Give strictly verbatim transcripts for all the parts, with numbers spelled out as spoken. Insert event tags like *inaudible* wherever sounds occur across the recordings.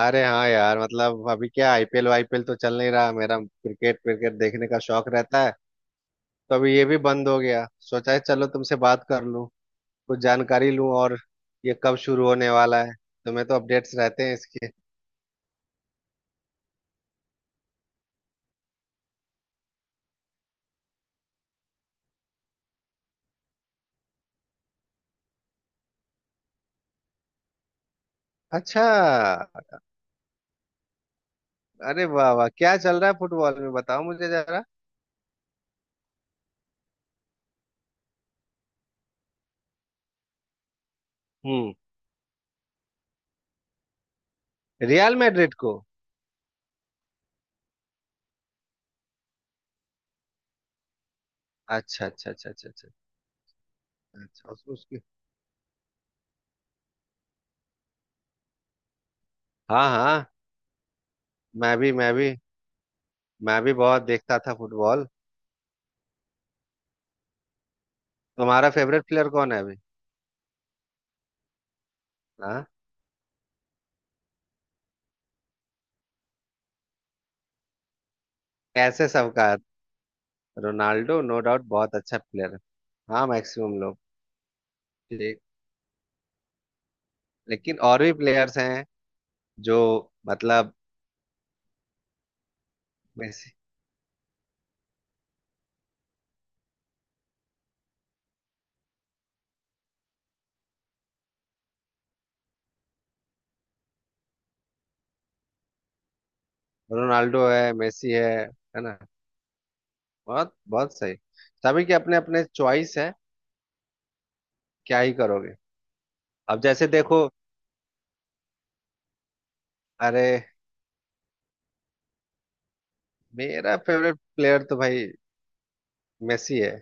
अरे हाँ यार। मतलब अभी क्या आईपीएल वाईपीएल तो चल नहीं रहा। मेरा क्रिकेट क्रिकेट देखने का शौक रहता है। तो अभी ये भी बंद हो गया। सोचा है, चलो तुमसे बात कर लूं, कुछ जानकारी लूं। और ये कब शुरू होने वाला है? तुम्हें तो अपडेट्स रहते हैं इसके। अच्छा। अरे वाह वाह, क्या चल रहा है फुटबॉल में? बताओ मुझे जरा। हम्म। रियल मैड्रिड को? अच्छा अच्छा अच्छा अच्छा अच्छा। अच्छा उस, उसकी। हाँ हाँ। मैं भी मैं भी मैं भी बहुत देखता था फुटबॉल। तुम्हारा फेवरेट प्लेयर कौन है अभी? हाँ। कैसे सबका? रोनाल्डो नो डाउट बहुत अच्छा प्लेयर है। हाँ मैक्सिमम लोग। ठीक। लेकिन और भी प्लेयर्स हैं जो मतलब मेसी। रोनाल्डो है, मेसी है है ना। बहुत बहुत सही। सभी के अपने अपने चॉइस है। क्या ही करोगे। अब जैसे देखो, अरे, मेरा फेवरेट प्लेयर तो भाई मेसी है।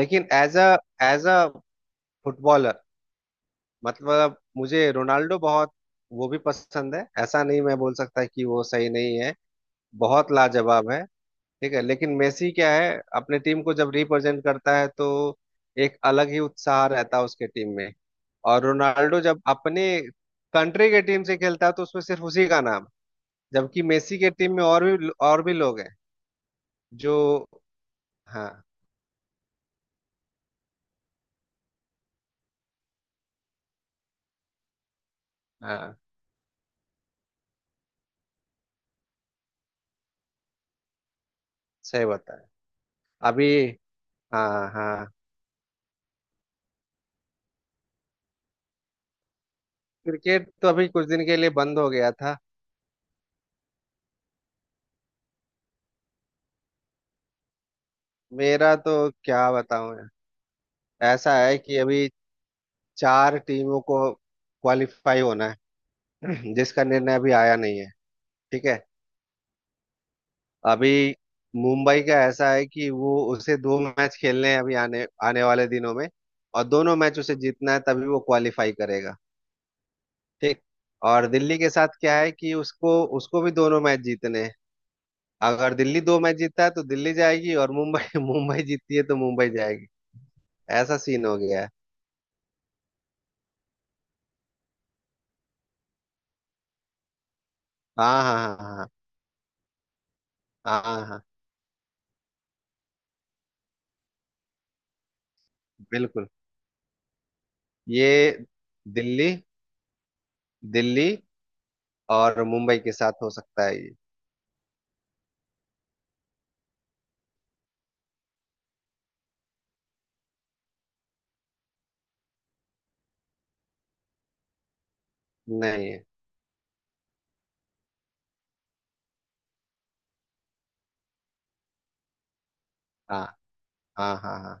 लेकिन as a as a footballer, मतलब मुझे रोनाल्डो बहुत, वो भी पसंद है। ऐसा नहीं मैं बोल सकता कि वो सही नहीं है। बहुत लाजवाब है, ठीक है। लेकिन मेसी क्या है, अपने टीम को जब रिप्रेजेंट करता है तो एक अलग ही उत्साह रहता है उसके टीम में। और रोनाल्डो जब अपने कंट्री के टीम से खेलता है तो उसमें सिर्फ उसी का नाम। जबकि मेसी के टीम में और भी और भी लोग हैं जो। हाँ हाँ। सही बताया। अभी। हाँ हाँ। क्रिकेट तो अभी कुछ दिन के लिए बंद हो गया था। मेरा तो क्या बताऊं यार। ऐसा है कि अभी चार टीमों को क्वालिफाई होना है *clears throat* जिसका निर्णय अभी आया नहीं है। ठीक है। अभी मुंबई का ऐसा है कि वो, उसे दो मैच खेलने हैं अभी आने आने वाले दिनों में। और दोनों मैच उसे जीतना है तभी वो क्वालिफाई करेगा। ठीक। और दिल्ली के साथ क्या है कि उसको उसको भी दोनों मैच जीतने हैं। अगर दिल्ली दो मैच जीतता है तो दिल्ली जाएगी, और मुंबई *laughs* मुंबई जीतती है तो मुंबई जाएगी। ऐसा सीन हो गया है। हाँ हाँ हाँ हाँ हाँ हाँ हाँ, बिल्कुल। ये दिल्ली, दिल्ली और मुंबई के साथ हो सकता है ये। नहीं है। हाँ हाँ हाँ हाँ।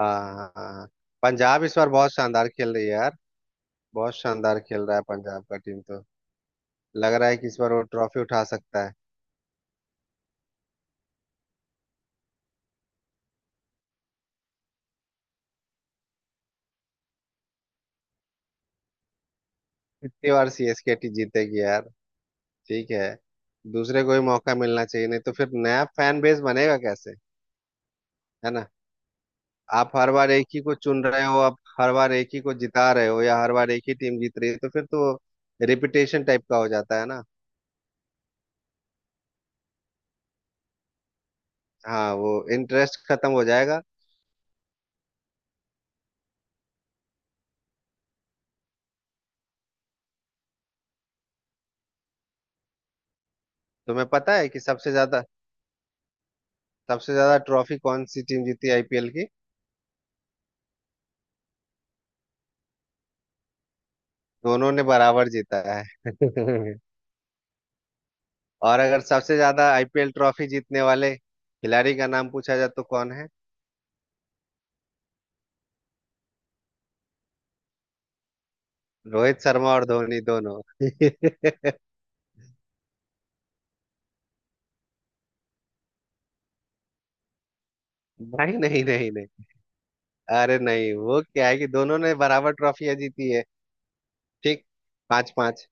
हाँ हाँ। पंजाब इस बार बहुत शानदार खेल रही है यार। बहुत शानदार खेल रहा है पंजाब का टीम तो। लग रहा है कि इस बार वो ट्रॉफी उठा सकता है। कितनी बार सीएसके टी जीतेगी यार। ठीक है, दूसरे को ही मौका मिलना चाहिए, नहीं तो फिर नया फैन बेस बनेगा कैसे। है ना। आप हर बार एक ही को चुन रहे हो, आप हर बार एक ही को जिता रहे हो, या हर बार एक ही टीम जीत रही है तो फिर तो रिपीटेशन टाइप का हो जाता है ना। हाँ, वो इंटरेस्ट खत्म हो जाएगा। तुम्हें पता है कि सबसे ज्यादा, सबसे ज्यादा ट्रॉफी कौन सी टीम जीती आईपीएल की? दोनों ने बराबर जीता है *laughs* और अगर सबसे ज्यादा आईपीएल ट्रॉफी जीतने वाले खिलाड़ी का नाम पूछा जाए तो कौन है? रोहित शर्मा और धोनी दोनों *laughs* नहीं नहीं नहीं नहीं, अरे नहीं, वो क्या है कि दोनों ने बराबर ट्रॉफियां जीती है। ठीक। पांच पांच।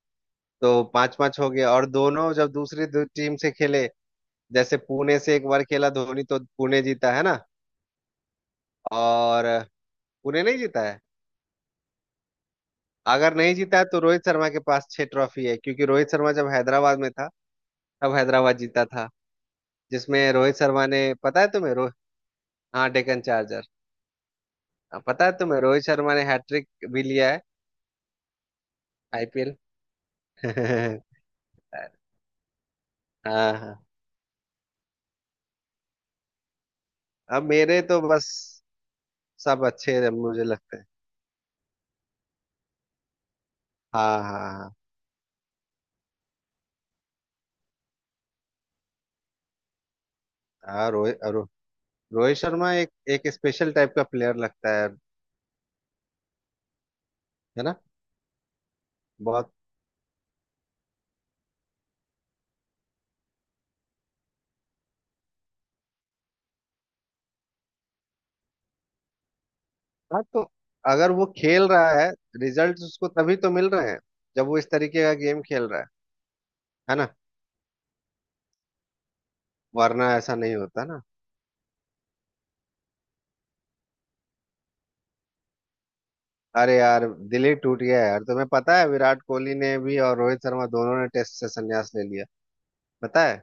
तो पांच पांच हो गया, और दोनों जब दूसरी दो टीम से खेले, जैसे पुणे से एक बार खेला धोनी तो पुणे जीता है ना। और पुणे नहीं जीता है? अगर नहीं जीता है तो रोहित शर्मा के पास छह ट्रॉफी है, क्योंकि रोहित शर्मा जब हैदराबाद में था तब हैदराबाद जीता था। जिसमें रोहित शर्मा ने, पता है तुम्हें, रोहित हाँ डेक्कन चार्जर। हाँ, पता है तुम्हें रोहित शर्मा ने हैट्रिक भी लिया है आईपीएल। *laughs* हाँ हाँ। अब मेरे तो बस, सब अच्छे हैं, मुझे लगता है। हाँ हाँ हाँ। हाँ रोहित रो, रोहित शर्मा एक, एक स्पेशल टाइप का प्लेयर लगता है है ना। बहुत। हाँ तो, अगर वो खेल रहा है, रिजल्ट उसको तभी तो मिल रहे हैं, जब वो इस तरीके का गेम खेल रहा है। है ना। वरना ऐसा नहीं होता ना। अरे यार, दिल ही टूट गया यार। तुम्हें पता है विराट कोहली ने भी और रोहित शर्मा, दोनों ने टेस्ट से संन्यास ले लिया। पता है,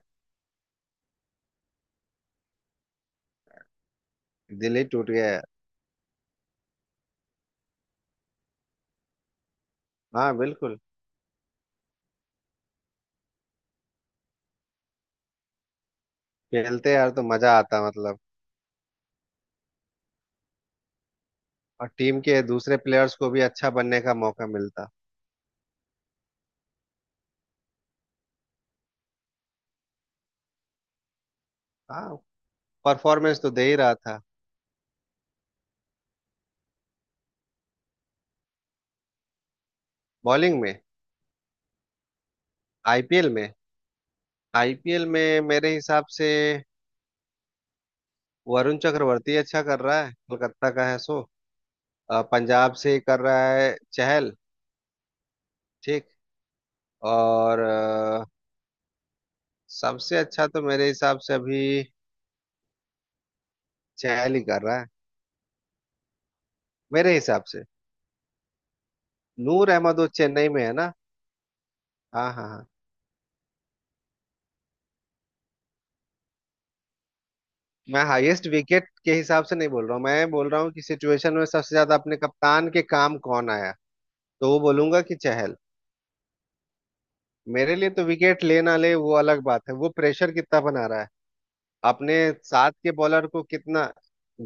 दिल ही टूट गया यार। हाँ बिल्कुल। खेलते यार तो मजा आता, मतलब और टीम के दूसरे प्लेयर्स को भी अच्छा बनने का मौका मिलता। हाँ। परफॉर्मेंस तो दे ही रहा था। बॉलिंग में, आईपीएल में। आईपीएल में मेरे हिसाब से वरुण चक्रवर्ती अच्छा कर रहा है, कोलकाता का है सो। अ, पंजाब से कर रहा है चहल। ठीक। और अ, सबसे अच्छा तो मेरे हिसाब से अभी चहल ही कर रहा है। मेरे हिसाब से नूर अहमद, वो चेन्नई में है ना। हाँ हाँ हाँ। मैं हाईएस्ट विकेट के हिसाब से नहीं बोल रहा हूँ, मैं बोल रहा हूँ कि सिचुएशन में सबसे ज्यादा अपने कप्तान के काम कौन आया, तो वो बोलूंगा कि चहल। मेरे लिए तो विकेट ले ना ले वो अलग बात है, वो प्रेशर कितना बना रहा है, अपने साथ के बॉलर को कितना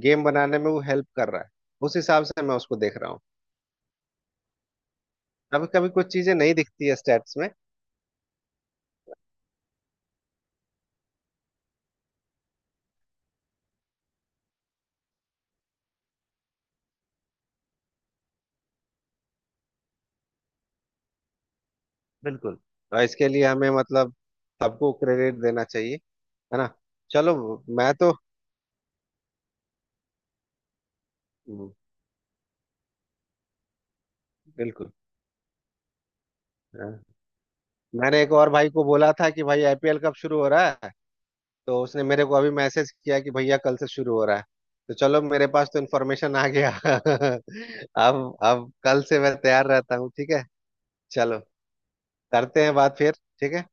गेम बनाने में वो हेल्प कर रहा है, उस हिसाब से मैं उसको देख रहा हूँ। कभी कभी कुछ चीजें नहीं दिखती है स्टैट्स में। बिल्कुल। और इसके लिए हमें मतलब सबको क्रेडिट देना चाहिए, है ना। चलो, मैं तो। हम्म, बिल्कुल। हाँ। मैंने एक और भाई को बोला था कि भाई आईपीएल कब शुरू हो रहा है, तो उसने मेरे को अभी मैसेज किया कि भैया कल से शुरू हो रहा है। तो चलो, मेरे पास तो इन्फॉर्मेशन आ गया *laughs* अब अब कल से मैं तैयार रहता हूँ, ठीक है। चलो, करते हैं बात फिर, ठीक है।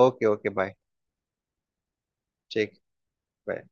Okay okay, bye. ठीक, बाय।